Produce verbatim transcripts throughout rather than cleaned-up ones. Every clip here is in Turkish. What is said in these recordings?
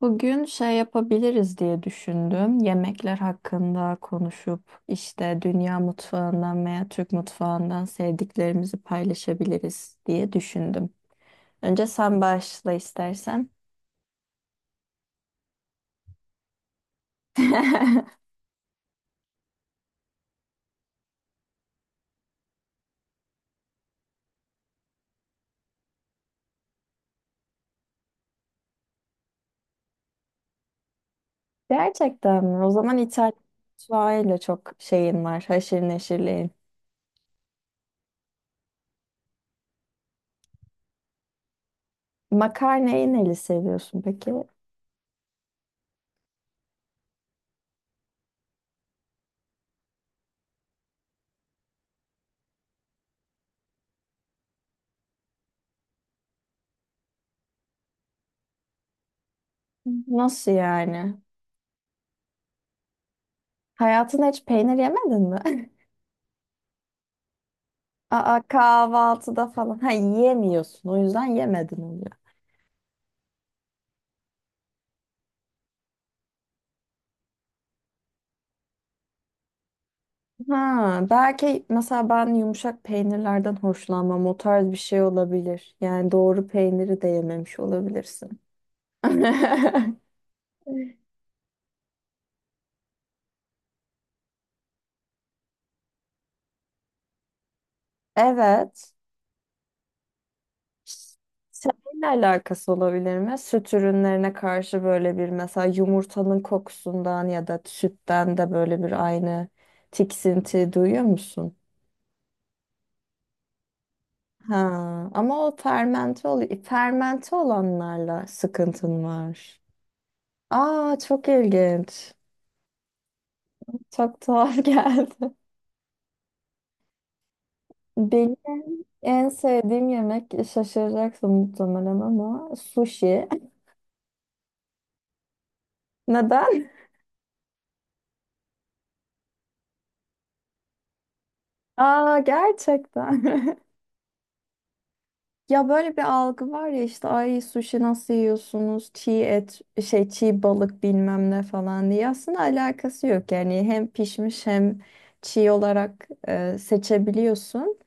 Bugün şey yapabiliriz diye düşündüm. Yemekler hakkında konuşup işte dünya mutfağından veya Türk mutfağından sevdiklerimizi paylaşabiliriz diye düşündüm. Önce sen başla istersen. Gerçekten mi? O zaman İtalyan mutfağıyla çok şeyin var, haşır neşirliğin. Makarnayı neli seviyorsun peki? Nasıl yani? Hayatında hiç peynir yemedin mi? Aa, kahvaltıda falan. Ha, yiyemiyorsun. O yüzden yemedin oluyor. Ha, belki mesela ben yumuşak peynirlerden hoşlanmam. O tarz bir şey olabilir. Yani doğru peyniri de yememiş olabilirsin. Evet. Seninle alakası olabilir mi? Süt ürünlerine karşı böyle bir, mesela yumurtanın kokusundan ya da sütten de böyle bir aynı tiksinti duyuyor musun? Ha, ama o fermente oluyor. Fermente olanlarla sıkıntın var. Aa, çok ilginç. Çok tuhaf geldi. Benim en sevdiğim yemek şaşıracaksın muhtemelen ama sushi. Neden? Aa, gerçekten. Ya, böyle bir algı var ya, işte ay sushi nasıl yiyorsunuz? Çiğ et, şey çiğ balık bilmem ne falan diye. Aslında alakası yok yani, hem pişmiş hem çiğ olarak e, seçebiliyorsun.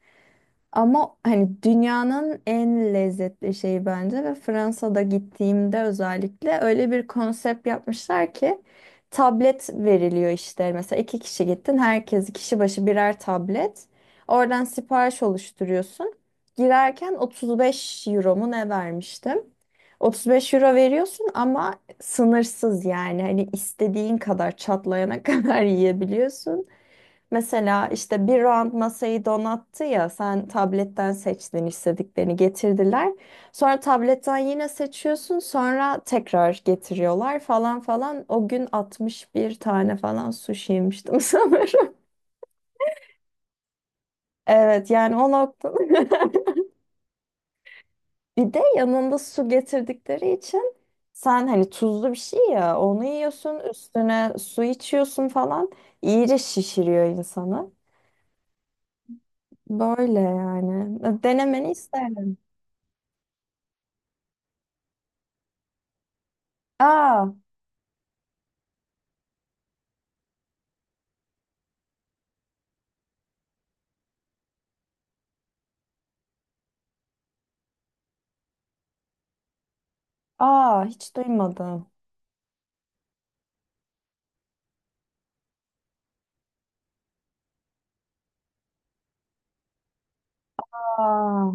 Ama hani dünyanın en lezzetli şeyi bence ve Fransa'da gittiğimde özellikle öyle bir konsept yapmışlar ki tablet veriliyor işte. Mesela iki kişi gittin, herkes kişi başı birer tablet. Oradan sipariş oluşturuyorsun. Girerken otuz beş euro mu ne vermiştim? otuz beş euro veriyorsun ama sınırsız yani, hani istediğin kadar çatlayana kadar yiyebiliyorsun. Mesela işte bir round masayı donattı ya, sen tabletten seçtin, istediklerini getirdiler. Sonra tabletten yine seçiyorsun, sonra tekrar getiriyorlar falan falan. O gün altmış bir tane falan sushi yemiştim sanırım. Evet, yani o noktada. Bir de yanında su getirdikleri için sen hani tuzlu bir şey ya, onu yiyorsun üstüne su içiyorsun falan. İyice şişiriyor insanı. Böyle yani. Denemeni isterim. Aa. Aa, hiç duymadım. Aa,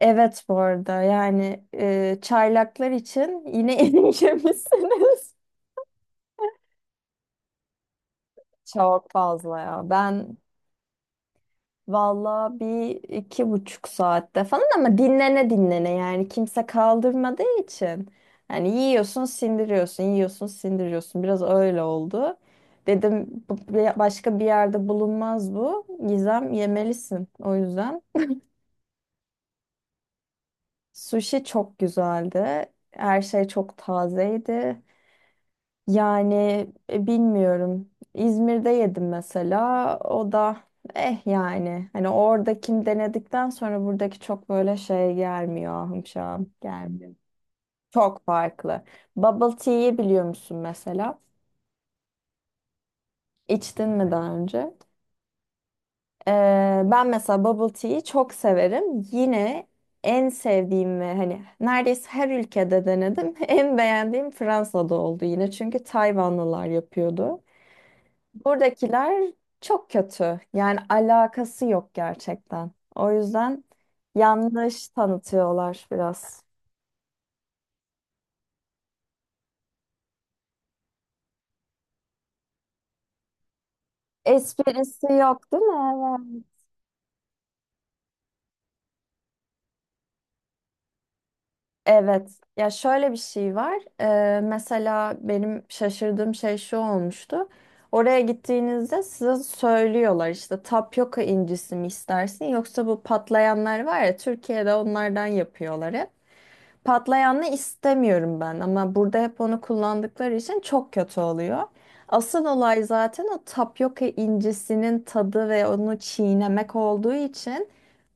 evet bu arada yani, e, çaylaklar için yine erimişsiniz. Çok fazla ya. Ben valla bir iki buçuk saatte falan, ama dinlene dinlene yani, kimse kaldırmadığı için. Yani yiyorsun sindiriyorsun, yiyorsun sindiriyorsun, biraz öyle oldu. Dedim bu- bu- başka bir yerde bulunmaz bu. Gizem, yemelisin o yüzden. Sushi çok güzeldi. Her şey çok tazeydi. Yani e, bilmiyorum. İzmir'de yedim mesela. O da eh yani. Hani oradakini denedikten sonra buradaki çok böyle şey gelmiyor. Ahım şahım gelmiyor. Çok farklı. Bubble tea'yi biliyor musun mesela? İçtin mi daha önce? Ee, ben mesela bubble tea'yi çok severim. Yine en sevdiğim ve hani neredeyse her ülkede denedim. En beğendiğim Fransa'da oldu yine. Çünkü Tayvanlılar yapıyordu. Buradakiler çok kötü. Yani alakası yok gerçekten. O yüzden yanlış tanıtıyorlar biraz. Esprisi yok değil mi? Evet. Evet. Ya, şöyle bir şey var. Ee, mesela benim şaşırdığım şey şu olmuştu. Oraya gittiğinizde size söylüyorlar işte, tapyoka incisi mi istersin, yoksa bu patlayanlar var ya, Türkiye'de onlardan yapıyorlar hep. Patlayanı istemiyorum ben, ama burada hep onu kullandıkları için çok kötü oluyor. Asıl olay zaten o tapyoka incisinin tadı ve onu çiğnemek olduğu için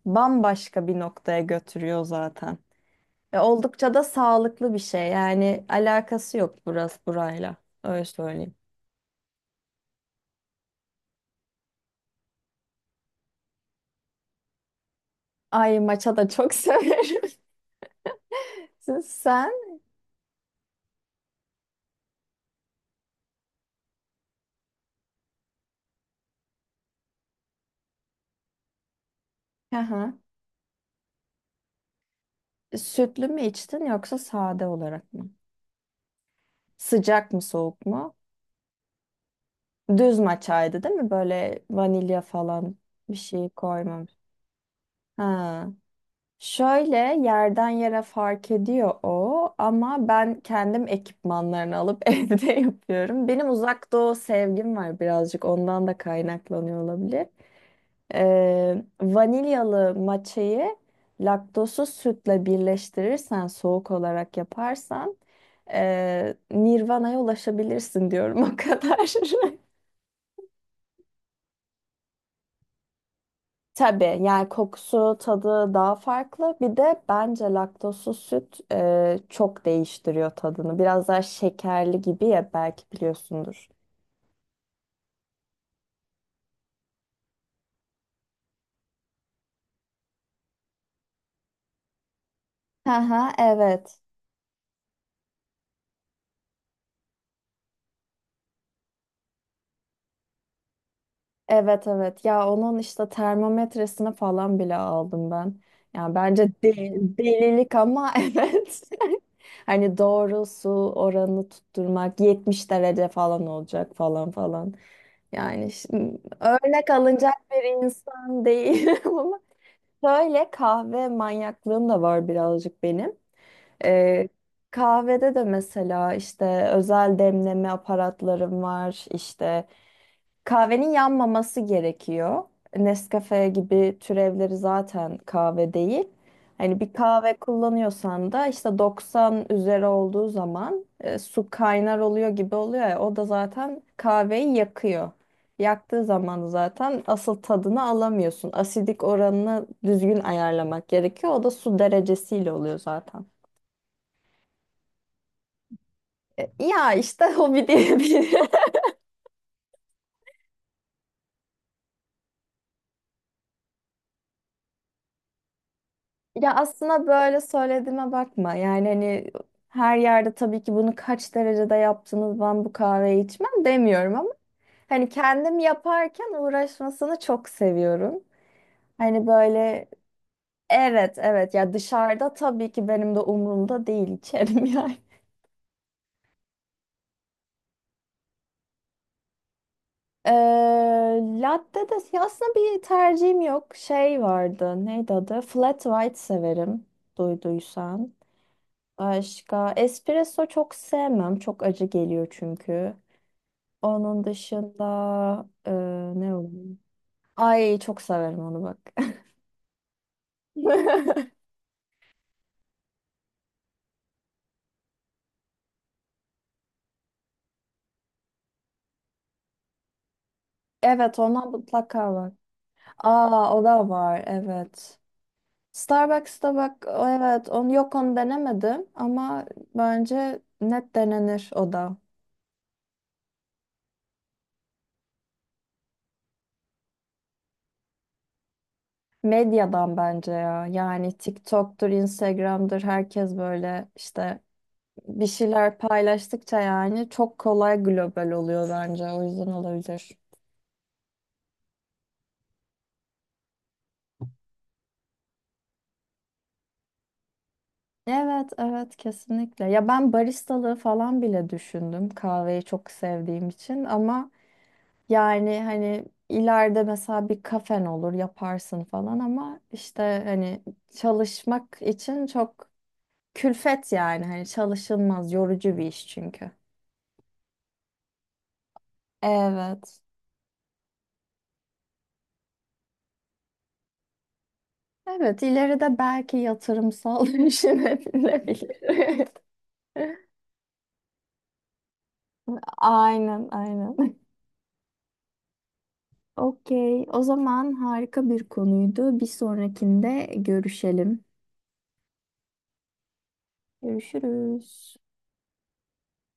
bambaşka bir noktaya götürüyor zaten. Ve oldukça da sağlıklı bir şey. Yani alakası yok burası burayla. Öyle söyleyeyim. Ay, maça da çok severim. Sen. Aha. Sütlü mü içtin yoksa sade olarak mı? Sıcak mı soğuk mu? Düz maçaydı değil mi? Böyle vanilya falan bir şey koymamış. Ha. Şöyle yerden yere fark ediyor o, ama ben kendim ekipmanlarını alıp evde yapıyorum. Benim uzak doğu sevgim var birazcık, ondan da kaynaklanıyor olabilir. Ee, vanilyalı matcha'yı laktozsuz sütle birleştirirsen, soğuk olarak yaparsan ee, Nirvana'ya ulaşabilirsin diyorum, o kadar. Tabii yani kokusu, tadı daha farklı. Bir de bence laktozsuz süt ee, çok değiştiriyor tadını. Biraz daha şekerli gibi ya, belki biliyorsundur. Aha, evet. Evet evet, ya onun işte termometresini falan bile aldım ben. Yani bence de- delilik ama evet. Hani doğru su oranını tutturmak, yetmiş derece falan olacak falan falan. Yani şimdi örnek alınacak bir insan değil ama şöyle kahve manyaklığım da var birazcık benim. Ee, Kahvede de mesela işte özel demleme aparatlarım var işte. Kahvenin yanmaması gerekiyor. Nescafe gibi türevleri zaten kahve değil. Hani bir kahve kullanıyorsan da işte doksan üzeri olduğu zaman e, su kaynar oluyor gibi oluyor ya, o da zaten kahveyi yakıyor. Yaktığı zaman zaten asıl tadını alamıyorsun. Asidik oranını düzgün ayarlamak gerekiyor. O da su derecesiyle oluyor zaten. E, Ya işte hobi diyebilirim. Ya aslında böyle söylediğime bakma. Yani hani her yerde tabii ki, bunu kaç derecede yaptınız ben bu kahveyi içmem, demiyorum ama hani kendim yaparken uğraşmasını çok seviyorum. Hani böyle, evet evet, ya dışarıda tabii ki benim de umurumda değil, içerim yani. Ee, Latte de ya, aslında bir tercihim yok. Şey vardı, neydi adı? Flat white severim, duyduysan. Başka espresso çok sevmem. Çok acı geliyor çünkü. Onun dışında e, ne oluyor? Ay, çok severim onu bak. Evet, ona mutlaka bak. Aa, o da var evet. Starbucks'ta bak o, evet, onu yok onu denemedim ama bence net denenir o da. Medyadan bence ya, yani TikTok'tur Instagram'dır, herkes böyle işte bir şeyler paylaştıkça yani çok kolay global oluyor, bence o yüzden olabilir. Evet, evet kesinlikle. Ya ben baristalığı falan bile düşündüm kahveyi çok sevdiğim için, ama yani hani ileride mesela bir kafen olur, yaparsın falan, ama işte hani çalışmak için çok külfet, yani hani çalışılmaz, yorucu bir iş çünkü. Evet. Evet, ileride belki yatırımsal düşünebilirim. Aynen, aynen. Okey. O zaman harika bir konuydu. Bir sonrakinde görüşelim. Görüşürüz.